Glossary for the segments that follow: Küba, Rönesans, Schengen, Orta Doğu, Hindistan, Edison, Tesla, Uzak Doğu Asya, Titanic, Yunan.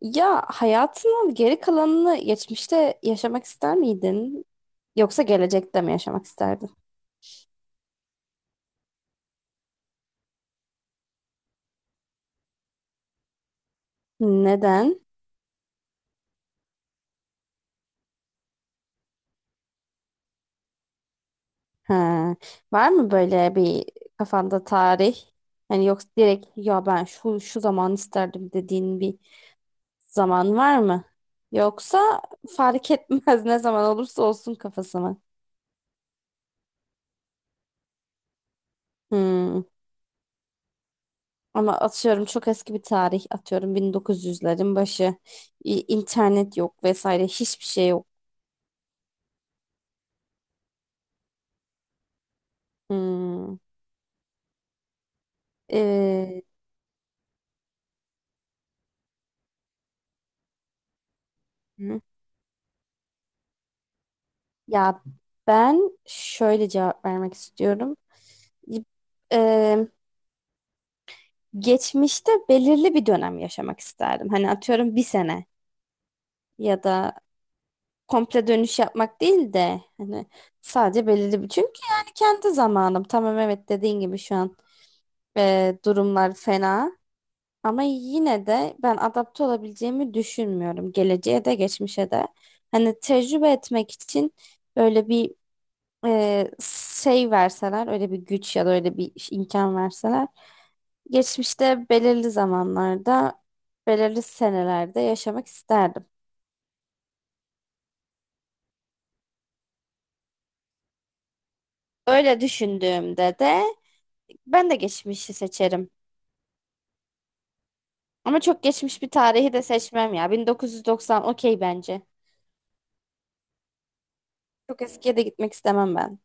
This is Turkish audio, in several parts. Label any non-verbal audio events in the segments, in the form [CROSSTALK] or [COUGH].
Ya hayatının geri kalanını geçmişte yaşamak ister miydin? Yoksa gelecekte mi yaşamak isterdin? Neden? Ha. Var mı böyle bir kafanda tarih? Hani yoksa direkt ya ben şu şu zaman isterdim dediğin bir zaman var mı? Yoksa fark etmez [LAUGHS] ne zaman olursa olsun kafası mı? Hmm. Ama atıyorum çok eski bir tarih atıyorum 1900'lerin başı. İnternet yok vesaire hiçbir şey yok. Hmm. Ee, hı. Ya ben şöyle cevap vermek istiyorum. Ee, geçmişte belirli bir dönem yaşamak isterdim. Hani atıyorum bir sene ya da komple dönüş yapmak değil de hani sadece belirli bir. Çünkü yani kendi zamanım. Tamam, evet, dediğin gibi şu an durumlar fena. Ama yine de ben adapte olabileceğimi düşünmüyorum. Geleceğe de geçmişe de. Hani tecrübe etmek için böyle bir e, şey verseler, öyle bir güç ya da öyle bir imkan verseler, geçmişte belirli zamanlarda belirli senelerde yaşamak isterdim. Öyle düşündüğümde de ben de geçmişi seçerim. Ama çok geçmiş bir tarihi de seçmem ya. 1990 okey bence. Çok eskiye de gitmek istemem ben.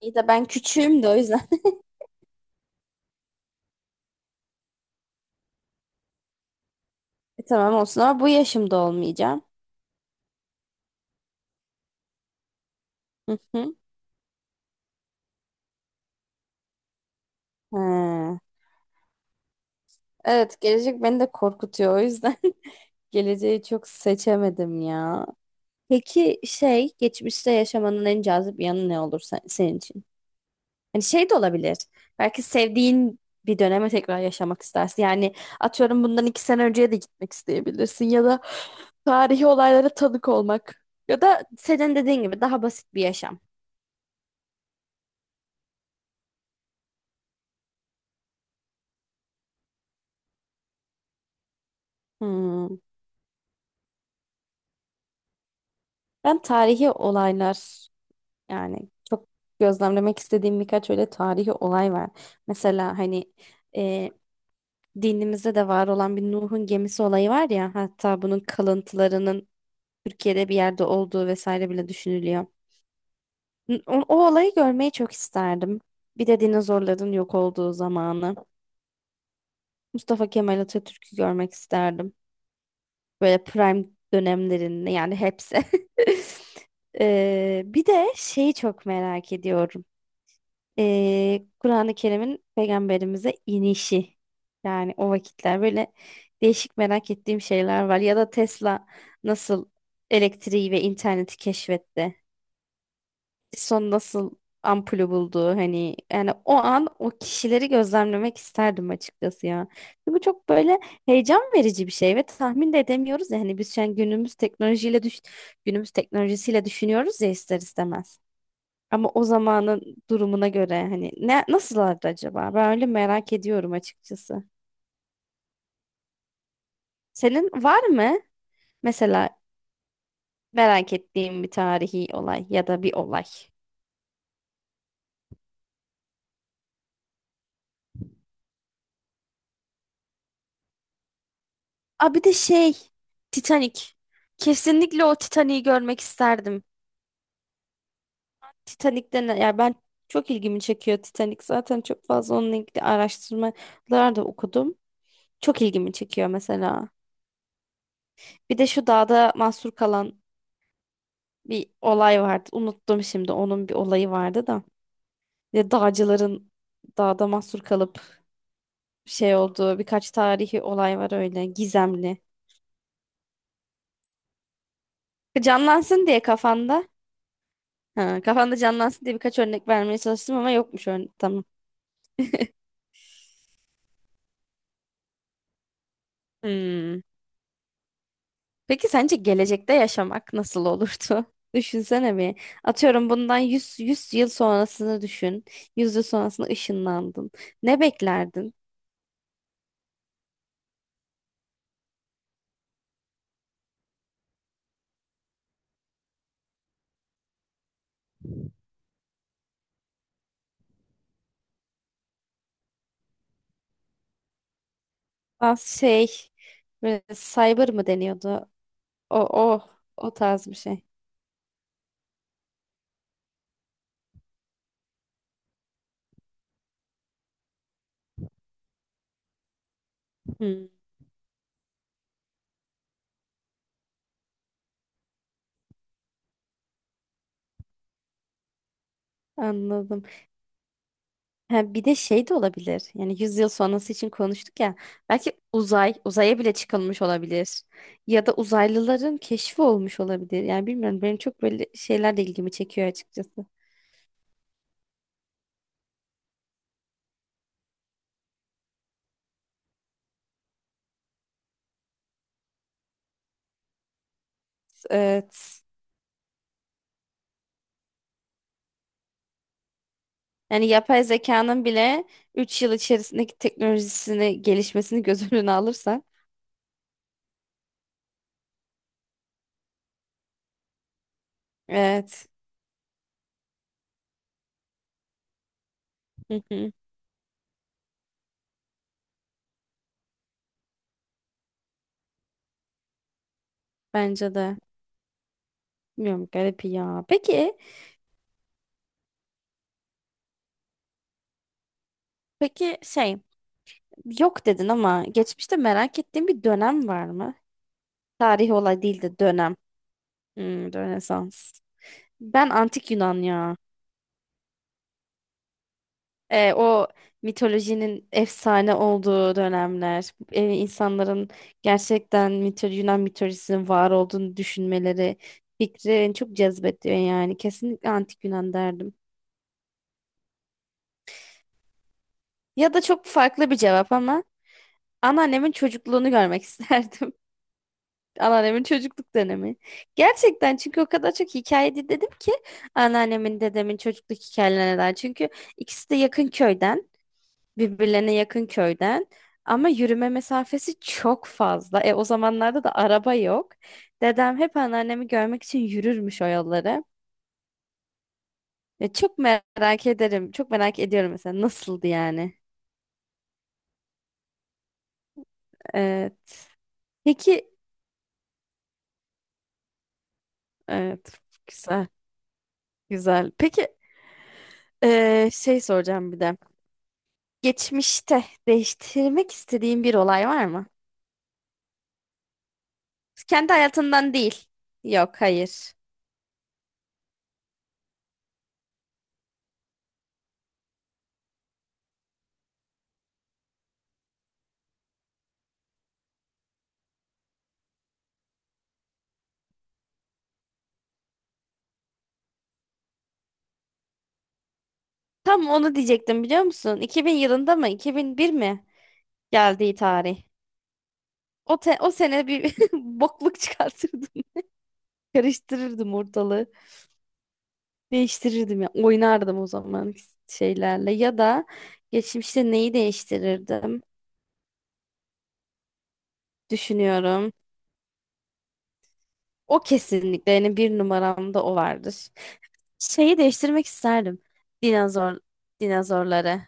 İyi de ben küçüğüm de o yüzden. [LAUGHS] Tamam olsun ama bu yaşımda olmayacağım. Hı hı. Ha. Evet, gelecek beni de korkutuyor o yüzden. [LAUGHS] Geleceği çok seçemedim ya. Peki, şey, geçmişte yaşamanın en cazip yanı ne olur senin için? Hani şey de olabilir. Belki sevdiğin bir döneme tekrar yaşamak istersin. Yani atıyorum bundan 2 sene önceye de gitmek isteyebilirsin, ya da tarihi olaylara tanık olmak, ya da senin dediğin gibi daha basit bir yaşam. Hmm. Ben tarihi olaylar, yani çok gözlemlemek istediğim birkaç öyle tarihi olay var. Mesela hani dinimizde de var olan bir Nuh'un gemisi olayı var ya, hatta bunun kalıntılarının Türkiye'de bir yerde olduğu vesaire bile düşünülüyor. O olayı görmeyi çok isterdim. Bir de dinozorların yok olduğu zamanı. Mustafa Kemal Atatürk'ü görmek isterdim. Böyle prime dönemlerinde, yani hepsi. [LAUGHS] Bir de şeyi çok merak ediyorum. Kur'an-ı Kerim'in peygamberimize inişi. Yani o vakitler böyle değişik merak ettiğim şeyler var. Ya da Tesla nasıl elektriği ve interneti keşfetti? Edison nasıl ampulü buldu? Hani yani o an o kişileri gözlemlemek isterdim açıkçası ya. Bu çok böyle heyecan verici bir şey ve tahmin de edemiyoruz ya. Hani biz şu an günümüz teknolojisiyle düşünüyoruz ya, ister istemez. Ama o zamanın durumuna göre hani ne nasıllardı acaba? Ben öyle merak ediyorum açıkçası. Senin var mı mesela merak ettiğin bir tarihi olay ya da bir olay? Aa, bir de şey, Titanic. Kesinlikle o Titanic'i görmek isterdim. Titanic'ten, ya, ben, çok ilgimi çekiyor Titanic. Zaten çok fazla onunla ilgili araştırmalar da okudum. Çok ilgimi çekiyor mesela. Bir de şu dağda mahsur kalan bir olay vardı. Unuttum şimdi, onun bir olayı vardı da. Ve dağcıların dağda mahsur kalıp şey olduğu birkaç tarihi olay var öyle gizemli. Canlansın diye kafanda. Ha, kafanda canlansın diye birkaç örnek vermeye çalıştım ama yokmuş örnek. Tamam. Hmm. Peki sence gelecekte yaşamak nasıl olurdu? [LAUGHS] Düşünsene bir. Atıyorum bundan yüz yıl sonrasını düşün. Yüz yıl sonrasına ışınlandın. Ne beklerdin? Az şey, böyle cyber mı deniyordu? O, o, o tarz bir şey. Hmm. Anladım. Ha, bir de şey de olabilir. Yani 100 yıl sonrası için konuştuk ya. Belki uzaya bile çıkılmış olabilir. Ya da uzaylıların keşfi olmuş olabilir. Yani bilmiyorum, benim çok böyle şeyler de ilgimi çekiyor açıkçası. Evet. Yani yapay zekanın bile 3 yıl içerisindeki teknolojisini, gelişmesini göz [LAUGHS] önüne alırsan. Evet. Hı hı. Bence de. Bilmiyorum, garip ya. Peki, peki şey, yok dedin ama geçmişte merak ettiğin bir dönem var mı? Tarihi olay değil de dönem. Hmm, Rönesans. Ben antik Yunan ya. O mitolojinin efsane olduğu dönemler, insanların gerçekten Yunan mitolojisinin var olduğunu düşünmeleri, fikri beni çok cezbediyor yani. Kesinlikle antik Yunan derdim. Ya da çok farklı bir cevap ama anneannemin çocukluğunu görmek [LAUGHS] isterdim. Anneannemin çocukluk dönemi. Gerçekten, çünkü o kadar çok hikaye dinledim ki anneannemin, dedemin çocukluk hikayelerinden. Çünkü ikisi de yakın köyden. Birbirlerine yakın köyden ama yürüme mesafesi çok fazla. O zamanlarda da araba yok. Dedem hep anneannemi görmek için yürürmüş o yolları. Çok merak ederim. Çok merak ediyorum mesela, nasıldı yani. Evet. Peki, evet, güzel güzel. Peki, şey soracağım bir de. Geçmişte değiştirmek istediğin bir olay var mı? Kendi hayatından değil. Yok, hayır. Tam onu diyecektim, biliyor musun? 2000 yılında mı? 2001 mi? Geldiği tarih. O sene bir [LAUGHS] bokluk çıkartırdım. Karıştırırdım ortalığı. Değiştirirdim ya. Oynardım o zaman şeylerle. Ya da geçmişte neyi değiştirirdim? Düşünüyorum. O kesinlikle, yani bir numaramda o vardır. Şeyi değiştirmek isterdim. Dinozor, dinozorları.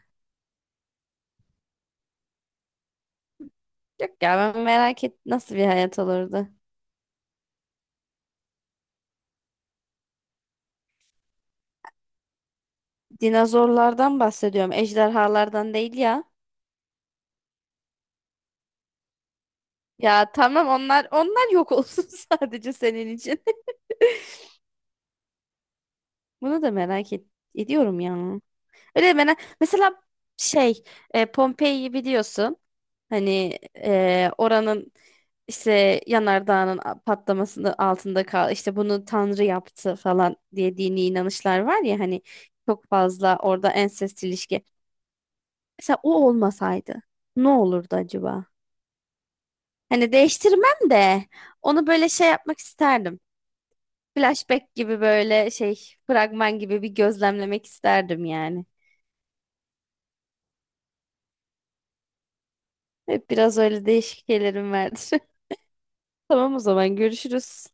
Yok ya, ben merak et nasıl bir hayat olurdu. Dinozorlardan bahsediyorum. Ejderhalardan değil ya. Ya tamam, onlar yok olsun [LAUGHS] sadece senin için. Bunu da merak ediyorum ya. Öyle merak mesela, şey, Pompei'yi biliyorsun. Hani oranın işte yanardağının patlamasının altında kal, işte bunu Tanrı yaptı falan diye dini inanışlar var ya, hani çok fazla orada ensest ilişki. Mesela o olmasaydı ne olurdu acaba? Hani değiştirmem de onu böyle şey yapmak isterdim. Flashback gibi, böyle şey, fragman gibi bir gözlemlemek isterdim yani. Hep biraz öyle değişik şeylerim vardır. [LAUGHS] Tamam, o zaman görüşürüz.